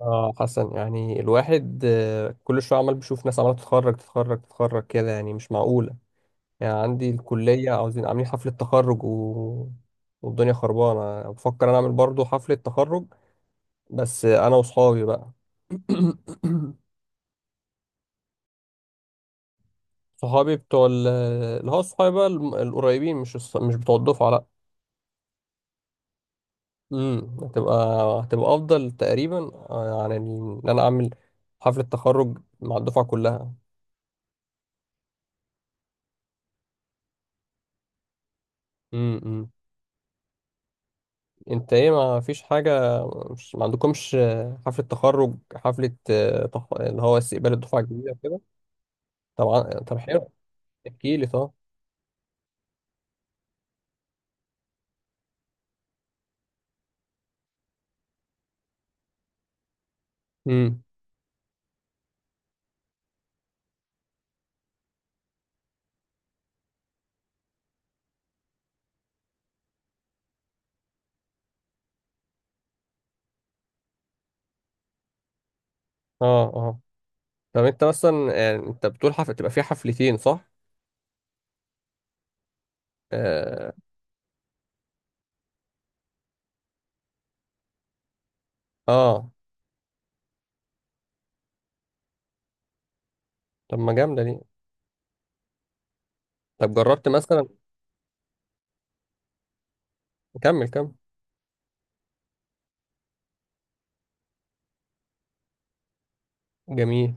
اه، حسن، يعني الواحد، كل شويه عمال بيشوف ناس عماله تتخرج كده، يعني مش معقوله. يعني عندي الكليه عاوزين عاملين حفله تخرج والدنيا خربانه، بفكر انا اعمل برضو حفله تخرج، بس انا وصحابي بقى. صحابي اللي هو صحابي بقى القريبين، مش بتوع الدفعه، لا. امم هتبقى هتبقى افضل تقريبا، ان انا اعمل حفله تخرج مع الدفعه كلها. امم انت ايه؟ ما فيش حاجة؟ مش ما عندكمش حفلة تخرج؟ اللي هو استقبال الدفعة الجديدة كده؟ طبعا، طب حلو، احكي لي طب. امم اه، اه. طب انت مثلا، يعني انت بتقول حفلة تبقى فيها حفلتين؟ صح؟ اه، اه. طب ما جامدة دي، طب جربت مثلا؟ كمل كمل. جميل.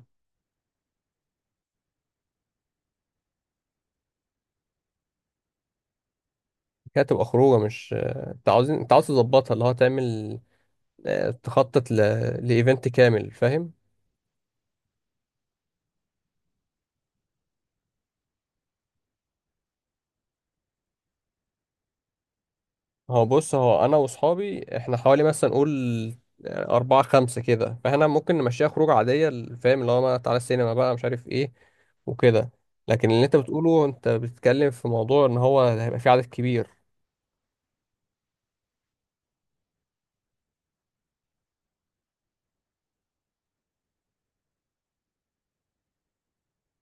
كده تبقى خروجة، مش انت عاوز تظبطها، اللي هو تعمل، تخطط لإيفنت كامل؟ فاهم؟ هو بص، هو انا واصحابي احنا حوالي مثلا نقول، يعني اربعة خمسة كده، فاحنا ممكن نمشيها خروج عادية، فاهم؟ اللي هو ما تعالى السينما بقى، مش عارف ايه، وكده. لكن اللي انت بتقوله، انت بتتكلم في موضوع ان هو هيبقى في عدد كبير.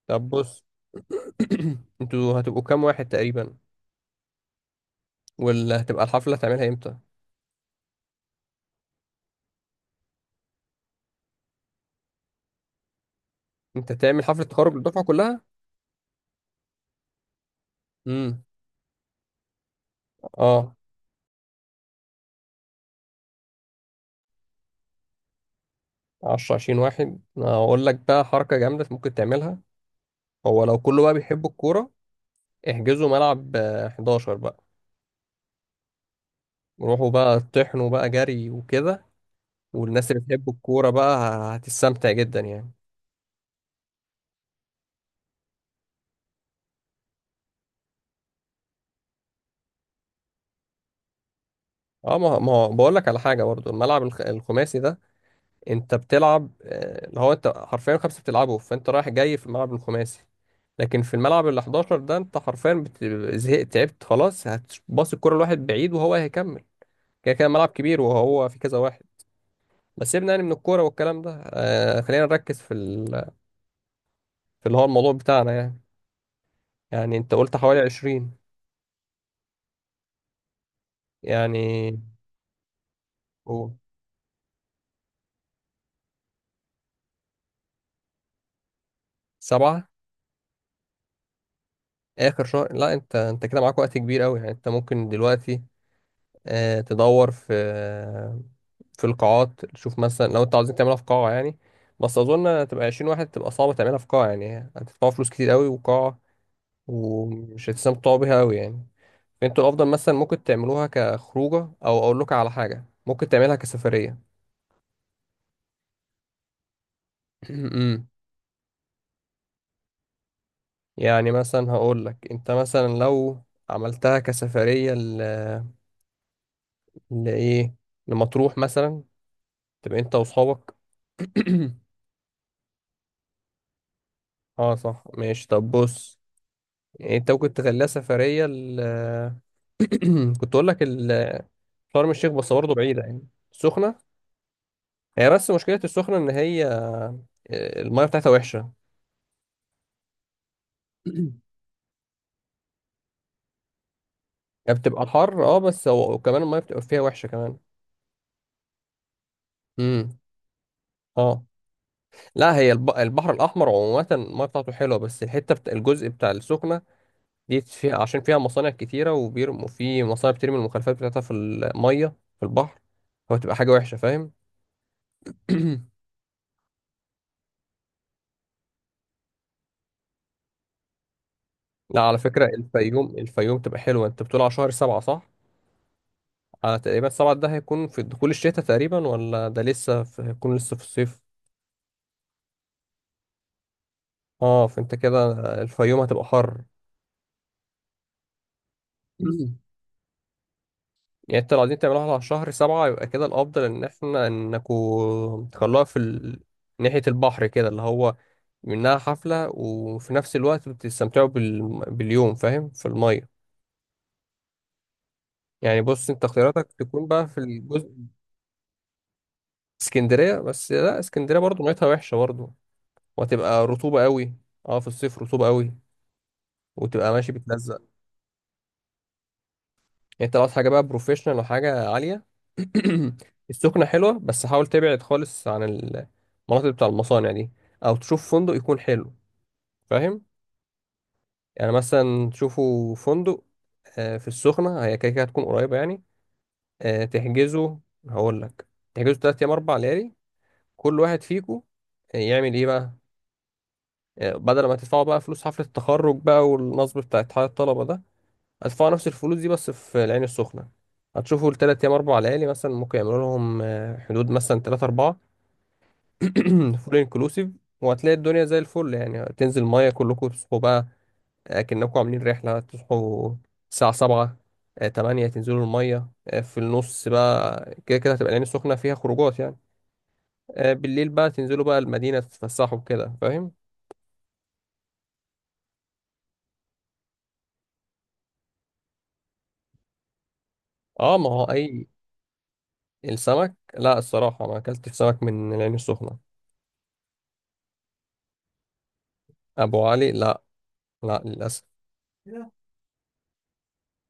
طب بص، انتوا هتبقوا كام واحد تقريبا؟ ولا هتبقى الحفلة هتعملها امتى؟ انت تعمل حفلة تخرج للدفعة كلها؟ امم اه. 10 20 واحد؟ اقول لك بقى حركة جامدة ممكن تعملها، هو لو كله بقى بيحب الكورة، احجزوا ملعب 11 بقى، روحوا بقى طحنوا بقى جري وكده، والناس اللي بتحب الكورة بقى هتستمتع جدا، يعني. اه، ما هو بقول لك على حاجة برضو، الملعب الخماسي ده انت بتلعب، اللي هو انت حرفيا خمسة بتلعبه، فانت رايح جاي في الملعب الخماسي، لكن في الملعب ال 11 ده انت حرفيا زهقت تعبت خلاص، هتباص الكورة لواحد بعيد وهو هيكمل. كده كده ملعب كبير وهو في كذا واحد. بس سيبنا يعني من الكورة والكلام ده، خلينا نركز في اللي هو الموضوع بتاعنا، يعني. يعني انت قلت حوالي 20، يعني قول سبعة. آخر شهر؟ لا، أنت كده معاك وقت كبير أوي، يعني أنت ممكن دلوقتي تدور في القاعات، تشوف مثلا لو أنت عاوزين تعملها في قاعة، يعني بس أظن تبقى عشرين واحد تبقى صعبة تعملها في قاعة، يعني هتدفعوا فلوس كتير أوي وقاعة، ومش هتستمتعوا بيها أوي، يعني. فأنتوا الأفضل مثلا ممكن تعملوها كخروجة، أو أقول لك على حاجة، ممكن تعملها كسفرية. أمم. يعني مثلا هقول لك، أنت مثلا لو عملتها كسفرية لإيه، لمطروح مثلا، تبقى انت واصحابك. اه صح، ماشي طب بص، يعني انت ممكن تخليها سفرية كنت اقول لك شرم الشيخ، بس برضه بعيدة، يعني السخنة. هي بس مشكلة السخنة ان هي المية بتاعتها وحشة. هي بتبقى الحر، اه، بس هو وكمان المية بتبقى فيها وحشة كمان. امم اه. لا، هي البحر الأحمر عموما المية بتاعته حلوة، بس الحتة الجزء بتاع السخنة دي فيها، عشان فيها مصانع كتيرة وبيرموا في، مصانع بترمي المخلفات بتاعتها في المية، في البحر، فبتبقى حاجة وحشة، فاهم. لا، على فكرة الفيوم تبقى حلوة، انت بتقول على شهر سبعة صح؟ على تقريبا سبعة ده هيكون في دخول الشتاء تقريبا، ولا ده لسه في، هيكون لسه في الصيف؟ اه، فانت كده الفيوم هتبقى حر. يعني انت لو عايزين تعملوها على شهر سبعة، يبقى كده الأفضل إن احنا إنكوا تخلوها ناحية البحر كده، اللي هو منها حفلة وفي نفس الوقت بتستمتعوا باليوم، فاهم، في المية. يعني بص، انت اختياراتك تكون بقى في الجزء، اسكندرية. بس لا، اسكندرية برضو ميتها وحشة برضو، وهتبقى رطوبة قوي، اه في الصيف رطوبة قوي، وتبقى ماشي بتلزق. يعني انت لو عايز حاجه بقى بروفيشنال، او حاجه عاليه، السخنه حلوه، بس حاول تبعد خالص عن المناطق بتاع المصانع دي، او تشوف فندق يكون حلو، فاهم؟ يعني مثلا تشوفوا فندق في السخنه، هي كده كده هتكون قريبه، يعني آه، تحجزوا هقول لك تحجزوا 3 ايام 4 ليالي، كل واحد فيكم يعمل ايه بقى. بدل ما تدفعوا بقى فلوس حفله التخرج بقى، والنصب بتاع اتحاد الطلبه ده، هتدفعوا نفس الفلوس دي بس في العين السخنة، هتشوفوا التلات أيام أربع ليالي، مثلا ممكن يعملوا لهم حدود مثلا تلاتة أربعة، فول انكلوسيف، وهتلاقي الدنيا زي الفل، يعني تنزل مية كلكم، تصحوا بقى أكنكم عاملين رحلة، تصحوا الساعة 7 8، تنزلوا المية في النص بقى. كده كده هتبقى العين السخنة فيها خروجات، يعني بالليل بقى تنزلوا بقى المدينة، تتفسحوا كده، فاهم. اه، ما هو أي. السمك؟ لا، الصراحة ما أكلتش سمك من العين السخنة. أبو علي؟ لا، لا للأسف.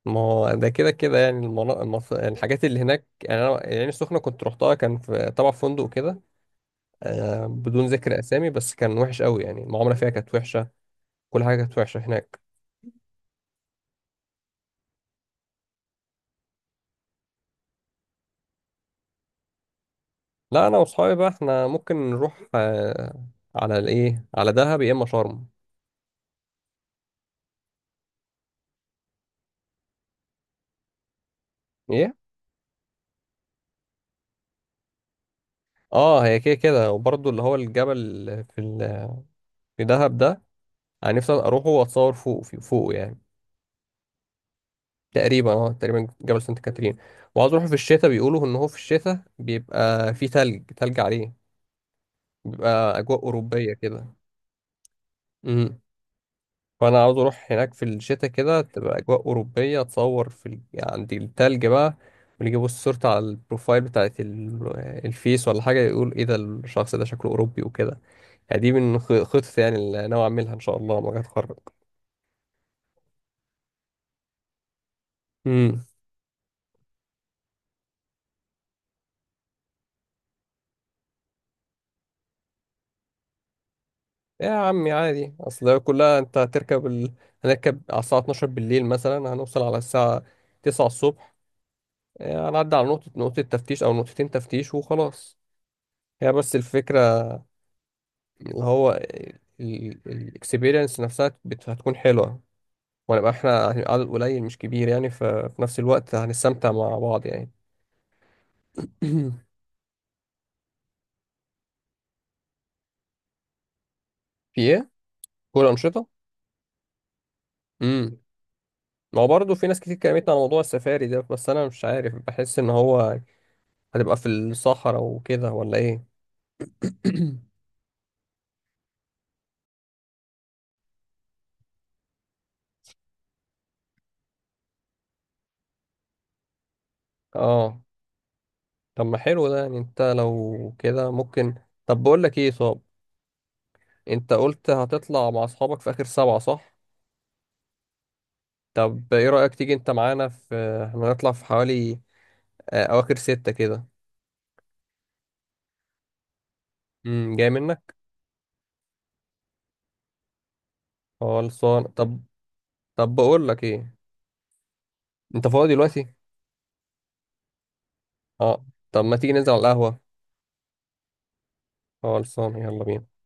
ما هو ده كده كده، يعني الحاجات اللي هناك، يعني انا العين السخنه كنت رحتها، كان في طبعا في فندق كده، بدون ذكر اسامي، بس كان وحش قوي، يعني المعامله فيها كانت وحشه، كل حاجه كانت وحشه هناك. لا، انا واصحابي بقى احنا ممكن نروح، على الايه، على دهب، يا اما شرم. ايه؟ اه. هي كده كده، وبرضه اللي هو الجبل في ال... في دهب ده، انا نفسي اروحه واتصور فوقه، يعني. تقريبا جبل سانت كاترين، وعاوز اروح في الشتاء، بيقولوا ان هو في الشتاء بيبقى في تلج عليه، بيبقى اجواء اوروبيه كده. امم فانا عاوز اروح هناك في الشتاء، كده تبقى اجواء اوروبيه، اتصور عند التلج بقى. واللي يبص صورتي على البروفايل بتاعت الفيس ولا حاجه، يقول ايه ده، الشخص ده شكله اوروبي وكده. يعني دي من خطط، يعني اللي ناوي اعملها ان شاء الله لما اجي اتخرج. امم يا عمي عادي، اصل هي كلها، هنركب على الساعة 12 بالليل مثلا، هنوصل على الساعة 9 الصبح. هنعدي على نقطة تفتيش او نقطتين تفتيش وخلاص. هي بس الفكرة اللي هو الاكسبيرينس نفسها هتكون حلوة، ونبقى احنا عدد قليل مش كبير، يعني ففي نفس الوقت هنستمتع مع بعض، يعني. في ايه؟ كل أنشطة؟ امم ما هو برضه في ناس كتير كلمتني على موضوع السفاري ده، بس انا مش عارف، بحس ان هو هتبقى في الصحراء وكده، ولا ايه؟ اه، طب ما حلو ده، يعني انت لو كده ممكن، طب بقول لك ايه صاب. انت قلت هتطلع مع اصحابك في اخر سبعة صح؟ طب ايه رأيك تيجي انت معانا؟ في احنا هنطلع في حوالي اواخر ستة كده. جاي منك؟ خلصان طب. طب بقول لك ايه، انت فاضي دلوقتي؟ اه، طب ما تيجي ننزل على القهوة. خلصان، يلا بينا.